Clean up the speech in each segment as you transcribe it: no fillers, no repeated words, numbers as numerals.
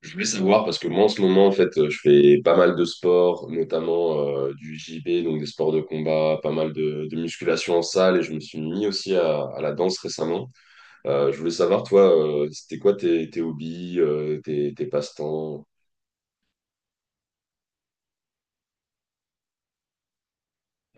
Je voulais savoir parce que moi en ce moment en fait je fais pas mal de sports, notamment du JB, donc des sports de combat, pas mal de musculation en salle et je me suis mis aussi à la danse récemment. Je voulais savoir toi, c'était quoi tes hobbies, tes passe-temps?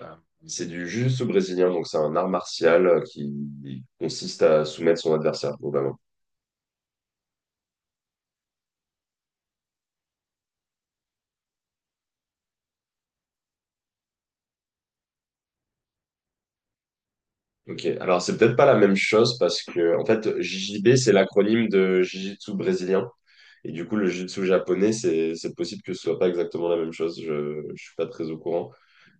Ah. C'est du jiu-jitsu brésilien, donc c'est un art martial qui consiste à soumettre son adversaire, globalement. Ok, alors c'est peut-être pas la même chose parce que en fait JJB c'est l'acronyme de jiu-jitsu brésilien et du coup le jiu-jitsu japonais c'est possible que ce soit pas exactement la même chose. Je suis pas très au courant.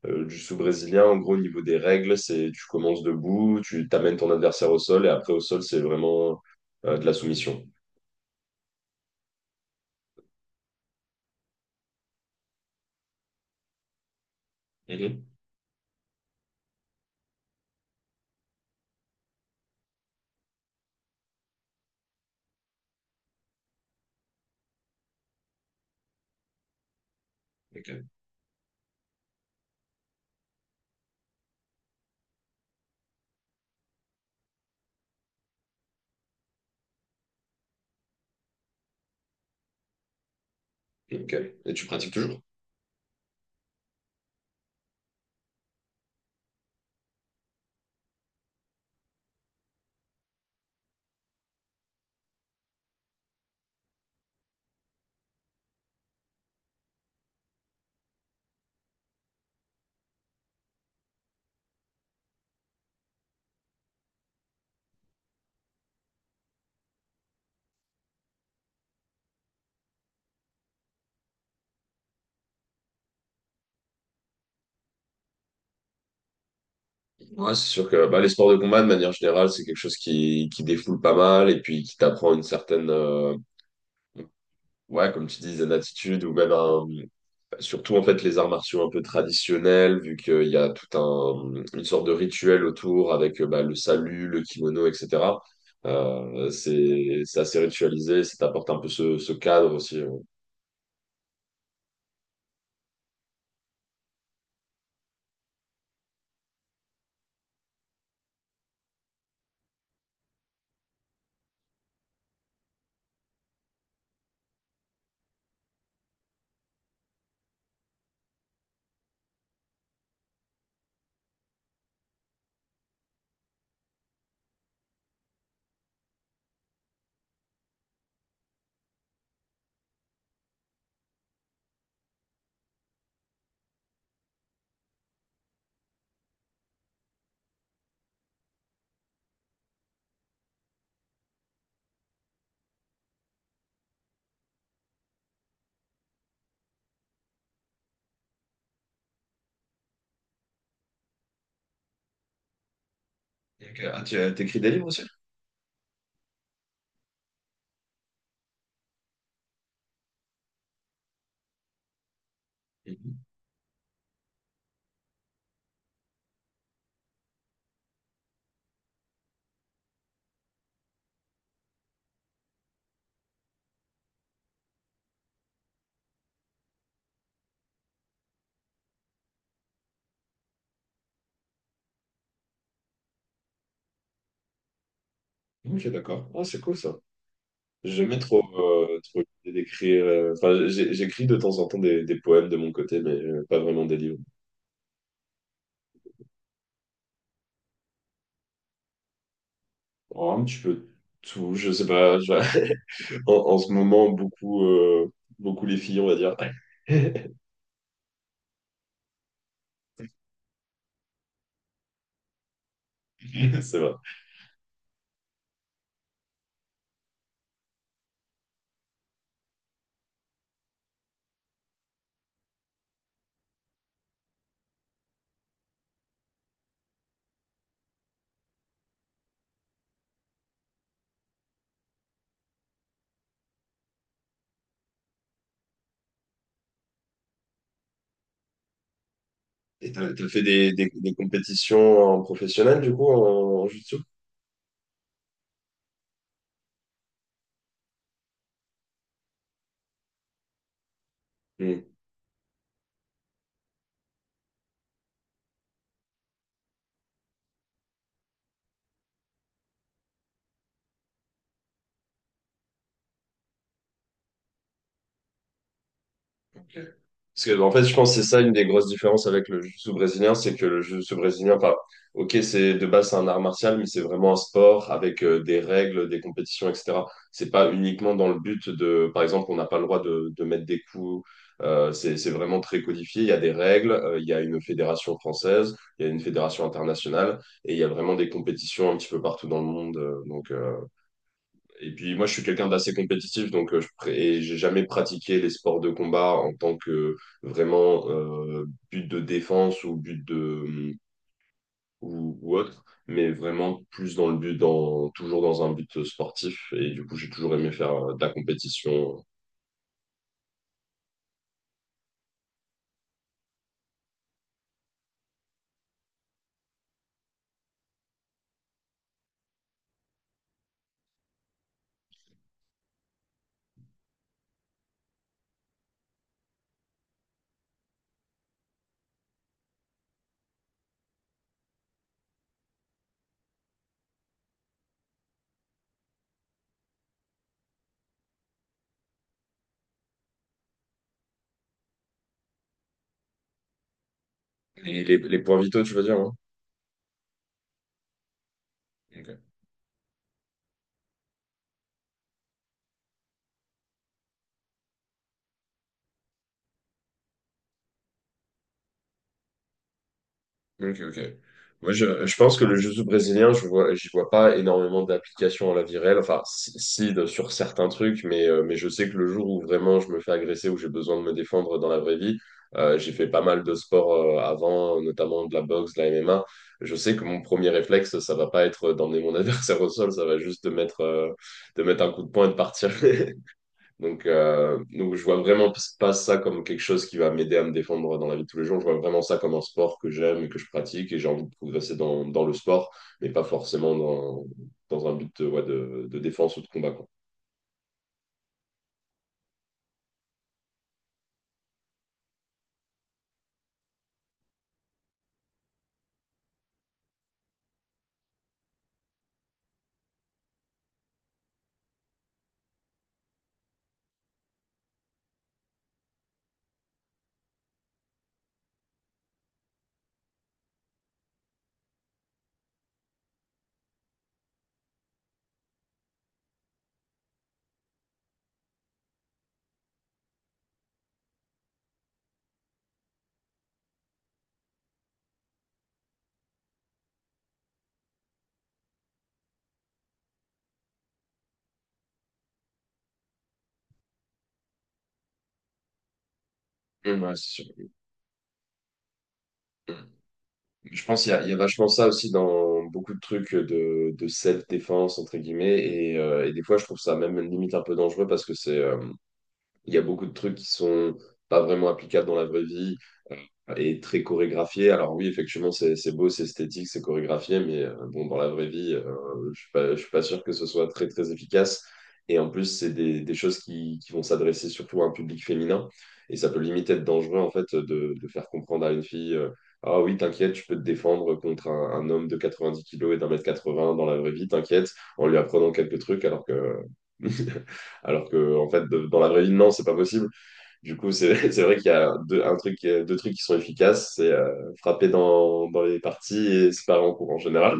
Du jiu brésilien en gros au niveau des règles c'est tu commences debout, tu t'amènes ton adversaire au sol et après au sol c'est vraiment de la soumission. Mhm. Ok. Ok. Et tu pratiques toujours? Ouais, c'est sûr que bah, les sports de combat de manière générale c'est quelque chose qui défoule pas mal et puis qui t'apprend une certaine ouais, comme tu disais, l'attitude ou même surtout en fait les arts martiaux un peu traditionnels, vu qu'il y a tout un une sorte de rituel autour avec bah, le salut, le kimono, etc. C'est assez ritualisé, ça t'apporte un peu ce cadre aussi. Ok. Ah, t'écris des livres aussi? Mhm. Ok, d'accord. Ah, c'est cool ça. J'aimais trop, trop l'idée d'écrire. Enfin, j'écris de temps en temps des poèmes de mon côté, mais pas vraiment des livres. Oh, un petit peu tout, je sais pas. En ce moment, beaucoup, beaucoup les filles, on va dire. Ouais. C'est vrai. Et t'as fait des compétitions en professionnel, du coup, en jutsu? Parce que, en fait, je pense que c'est ça une des grosses différences avec le jiu-jitsu brésilien, c'est que le jiu-jitsu brésilien, enfin, ok, c'est de base c'est un art martial, mais c'est vraiment un sport avec des règles, des compétitions, etc. C'est pas uniquement dans le but de, par exemple, on n'a pas le droit de mettre des coups. C'est vraiment très codifié. Il y a des règles, il y a une fédération française, il y a une fédération internationale, et il y a vraiment des compétitions un petit peu partout dans le monde. Et puis moi, je suis quelqu'un d'assez compétitif, donc et j'ai jamais pratiqué les sports de combat en tant que vraiment but de défense ou but ou autre, mais vraiment plus dans le but dans toujours dans un but sportif. Et du coup, j'ai toujours aimé faire de la compétition. Et les points vitaux, tu veux dire, hein? Ok, ok. Moi, je pense que le jiu-jitsu brésilien, je vois, j'y vois pas énormément d'applications à la vie réelle. Enfin, si, sur certains trucs, mais je sais que le jour où vraiment je me fais agresser, où j'ai besoin de me défendre dans la vraie vie, j'ai fait pas mal de sports avant, notamment de la boxe, de la MMA. Je sais que mon premier réflexe, ça va pas être d'emmener mon adversaire au sol, ça va juste de mettre un coup de poing et de partir. Donc, je vois vraiment pas ça comme quelque chose qui va m'aider à me défendre dans la vie de tous les jours. Je vois vraiment ça comme un sport que j'aime et que je pratique et j'ai envie de progresser dans le sport, mais pas forcément dans un but de, ouais, de défense ou de combat, quoi. Mm, ouais, c'est sûr. Mm. Je pense qu'il y a vachement ça aussi dans beaucoup de trucs de self-défense, entre guillemets, et des fois, je trouve ça même limite un peu dangereux parce que il y a beaucoup de trucs qui sont pas vraiment applicables dans la vraie vie. Et très chorégraphié. Alors oui, effectivement, c'est beau, c'est esthétique, c'est chorégraphié, mais bon, dans la vraie vie, je suis pas sûr que ce soit très, très efficace. Et en plus, c'est des choses qui vont s'adresser surtout à un public féminin. Et ça peut limite être dangereux, en fait, de faire comprendre à une fille, ah oui, t'inquiète, je peux te défendre contre un homme de 90 kilos et d'un mètre 80 dans la vraie vie, t'inquiète, en lui apprenant quelques trucs, alors que, alors que, en fait, dans la vraie vie, non, c'est pas possible. Du coup, c'est c'est vrai qu'il y a deux trucs qui sont efficaces, c'est frapper dans les parties et séparer en cours en général.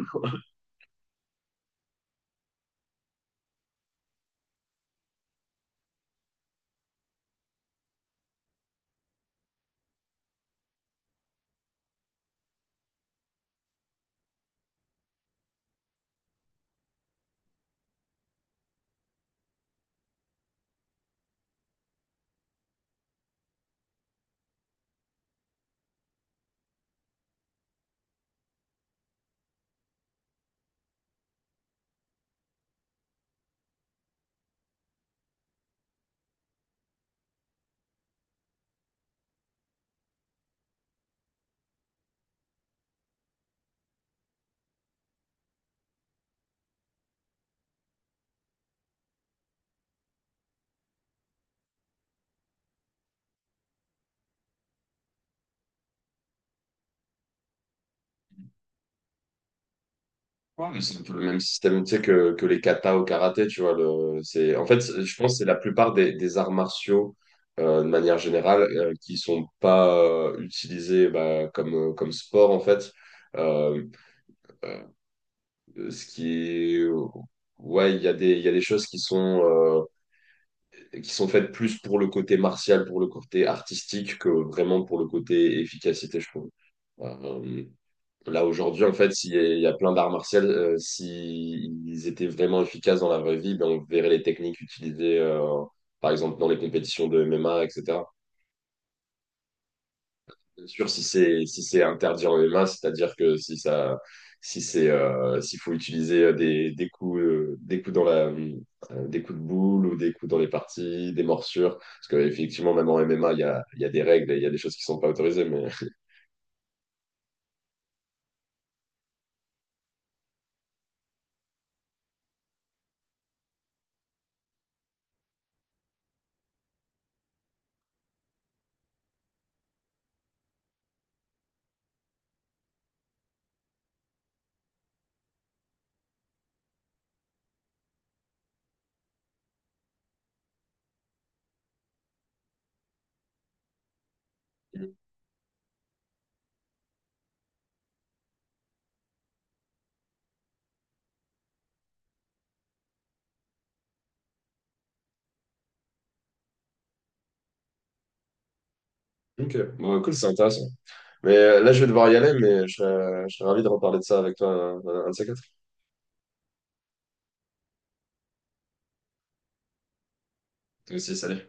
Ouais, mais c'est un peu le même système, tu sais, que les katas au karaté, tu vois. Le, c'est, en fait, c'est- Je pense que c'est la plupart des arts martiaux, de manière générale, qui sont pas utilisés bah, comme sport, en fait. Euh, ce qui est... Ouais, il y a il y a des choses qui sont faites plus pour le côté martial, pour le côté artistique, que vraiment pour le côté efficacité, je trouve. Euh, là, aujourd'hui, en fait, s'il y a plein d'arts martiaux, s'ils étaient vraiment efficaces dans la vraie vie, ben, on verrait les techniques utilisées, par exemple, dans les compétitions de MMA, etc. Bien sûr, si c'est interdit en MMA, c'est-à-dire que si ça si c'est s'il faut utiliser des coups dans la des coups de boule ou des coups dans les parties, des morsures, parce que effectivement même en MMA il y a des règles et il y a des choses qui sont pas autorisées, mais ok, bon, cool, c'est intéressant. Mais là je vais devoir y aller, mais je serais ravi de reparler de ça avec toi un de ces quatre. Toi aussi, salut.